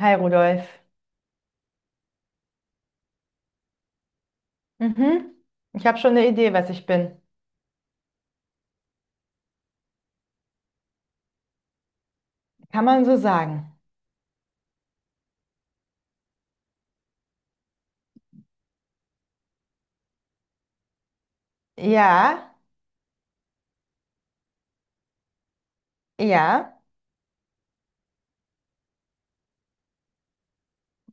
Hi Rudolf. Mhm. Ich habe schon eine Idee, was ich bin. Kann man so sagen? Ja, ja.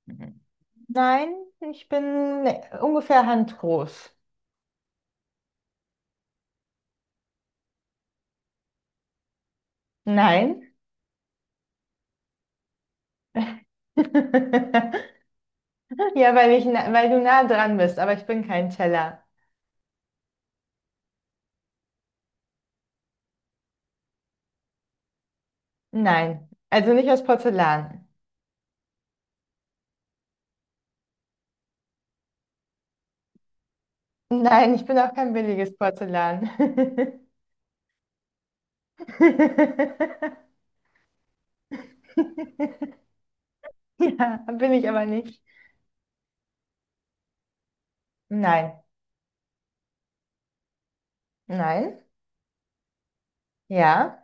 Mhm. Nein, ich bin ungefähr handgroß. Nein. Ja, weil weil du nah dran bist, aber ich bin kein Teller. Nein. Also nicht aus Porzellan. Nein, ich bin auch kein billiges Porzellan. Ja, bin ich aber nicht. Nein. Nein. Ja.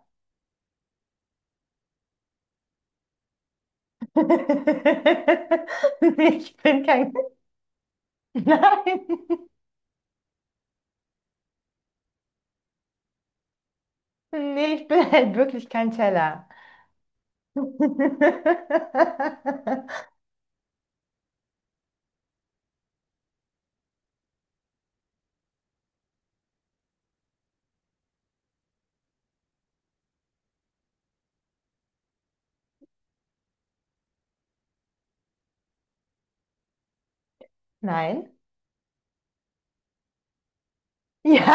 Nee, ich bin kein. Nein. Nee, ich bin halt wirklich kein Teller. Nein. Ja.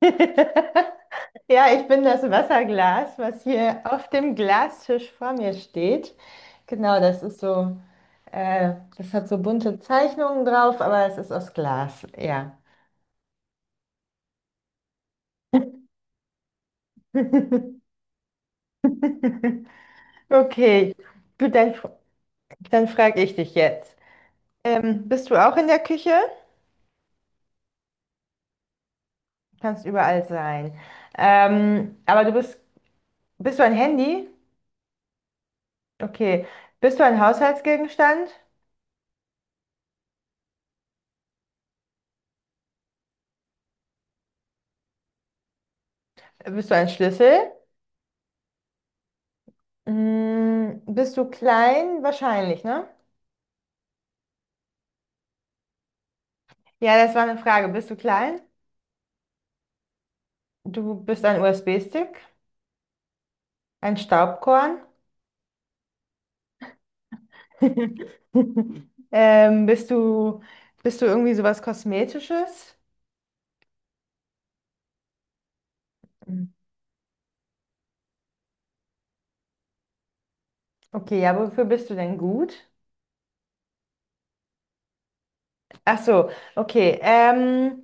Ja, ich bin das Wasserglas, was hier auf dem Glastisch vor mir steht. Genau, das ist so, das hat so bunte Zeichnungen drauf, aber es ist aus Glas, ja. Okay, gut, dann, dann frage ich dich jetzt. Bist du auch in der Küche? Kannst überall sein. Ähm, aber du bist, bist du ein Handy? Okay. Bist du ein Haushaltsgegenstand? Bist du ein Schlüssel? Mm, bist du klein? Wahrscheinlich, ne? Ja, das war eine Frage. Bist du klein? Du bist ein USB-Stick? Ein Staubkorn? Ähm, bist du, bist du irgendwie sowas Kosmetisches? Mhm. Okay, ja, wofür bist du denn gut? Ach so, okay.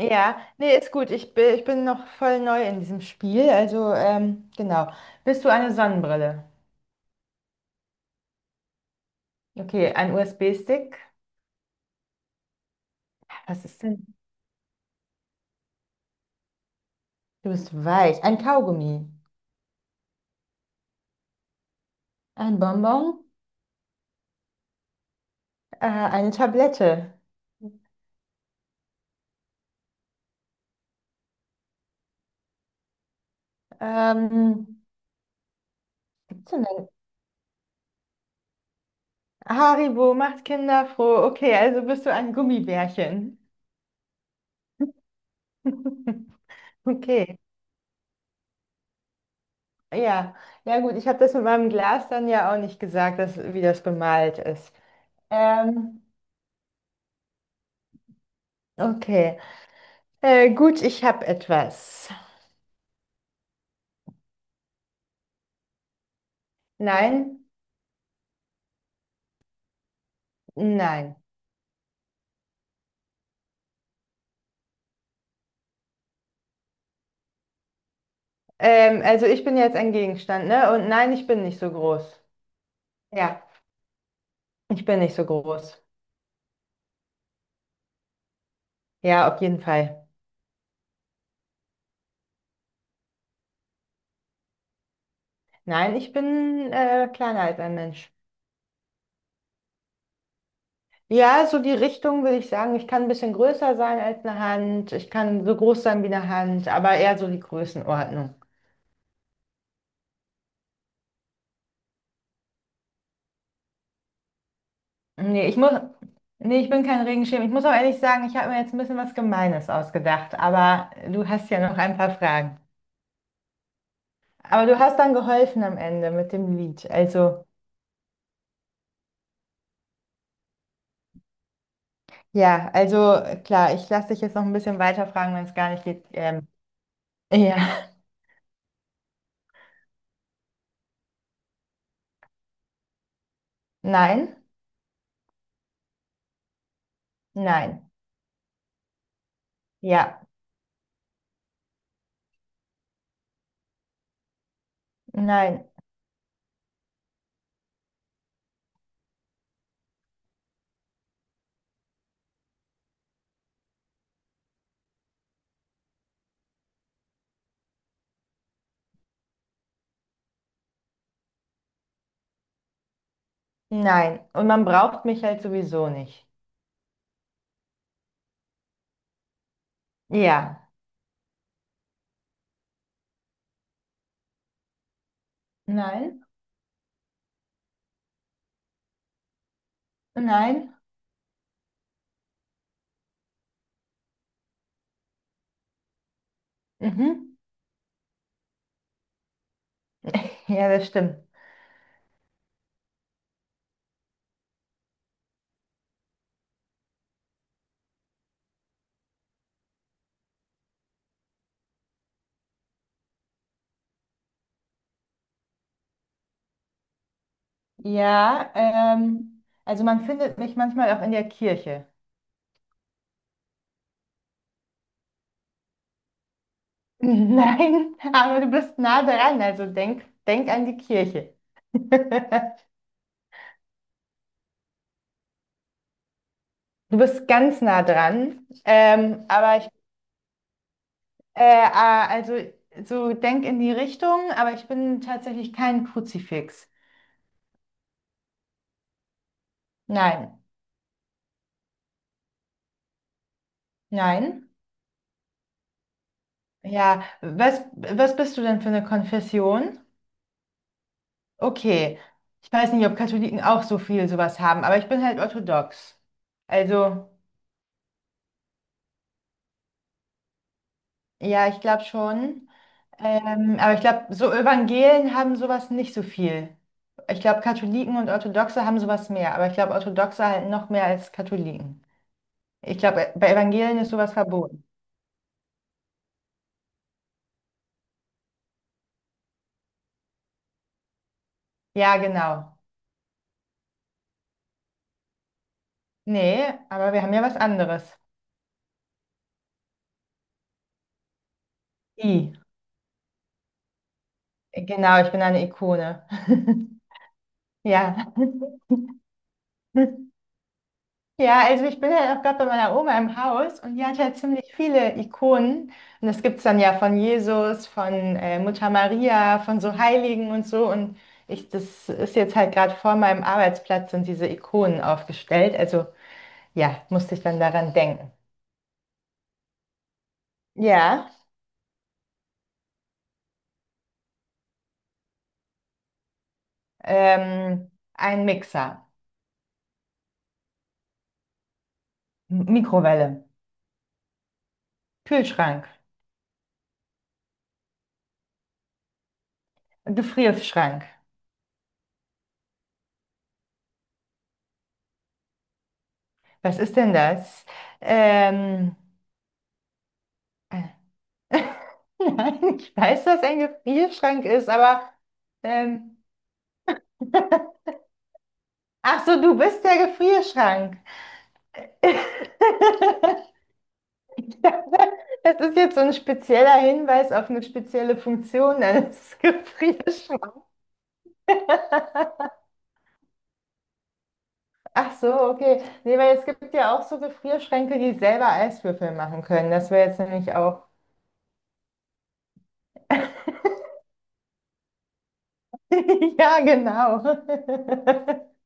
Ja, nee, ist gut. Ich bin noch voll neu in diesem Spiel. Also, genau. Bist du eine Sonnenbrille? Okay, ein USB-Stick. Was ist denn? Du bist weich. Ein Kaugummi. Ein Bonbon. Eine Tablette. Ähm, was gibt's denn? Haribo macht Kinder froh. Okay, also bist du ein Gummibärchen. Okay, ja. Ja, gut, ich habe das mit meinem Glas dann ja auch nicht gesagt, dass, wie das bemalt ist. Ähm, okay. Gut, ich habe etwas. Nein, nein. Also ich bin jetzt ein Gegenstand, ne? Und nein, ich bin nicht so groß. Ja, ich bin nicht so groß. Ja, auf jeden Fall. Nein, ich bin kleiner als ein Mensch. Ja, so die Richtung würde ich sagen. Ich kann ein bisschen größer sein als eine Hand. Ich kann so groß sein wie eine Hand, aber eher so die Größenordnung. Nee, ich muss. Nee, ich bin kein Regenschirm. Ich muss auch ehrlich sagen, ich habe mir jetzt ein bisschen was Gemeines ausgedacht, aber du hast ja noch ein paar Fragen. Aber du hast dann geholfen am Ende mit dem Lied. Also, ja, also klar, ich lasse dich jetzt noch ein bisschen weiter fragen, wenn es gar nicht geht. Ja, nein, nein, ja, nein, nein. Und man braucht mich halt sowieso nicht. Ja, nein, nein, mhm. Ja, das stimmt. Ja, also man findet mich manchmal auch in der Kirche. Nein, aber du bist nah dran, also denk, denk an die Kirche. Du bist ganz nah dran, aber ich, ah, also so denk in die Richtung, aber ich bin tatsächlich kein Kruzifix. Nein, nein. Ja, was bist du denn für eine Konfession? Okay, ich weiß nicht, ob Katholiken auch so viel sowas haben, aber ich bin halt orthodox. Also. Ja, ich glaube schon. Aber ich glaube, so Evangelen haben sowas nicht so viel. Ich glaube, Katholiken und Orthodoxe haben sowas mehr, aber ich glaube, Orthodoxe halt noch mehr als Katholiken. Ich glaube, bei Evangelen ist sowas verboten. Ja, genau. Nee, aber wir haben ja was anderes. I. Genau, ich bin eine Ikone. Ja. Ja, also ich bin halt auch gerade bei meiner Oma im Haus und die hat halt ziemlich viele Ikonen. Und das gibt's dann ja von Jesus, von Mutter Maria, von so Heiligen und so. Und das ist jetzt halt gerade vor meinem Arbeitsplatz sind diese Ikonen aufgestellt. Also ja, musste ich dann daran denken. Ja, ein Mixer, Mikrowelle, Kühlschrank, Gefrierschrank. Was ist denn das? Ähm, äh, Nein, ich weiß, was ein Gefrierschrank ist, aber ähm, ach so, du bist der Gefrierschrank. Ich dachte, das ist jetzt so ein spezieller Hinweis auf eine spezielle Funktion eines Gefrierschranks. Ach so, okay. Nee, weil es gibt ja auch so Gefrierschränke, die selber Eiswürfel machen können. Das wäre jetzt nämlich auch. Ja, genau.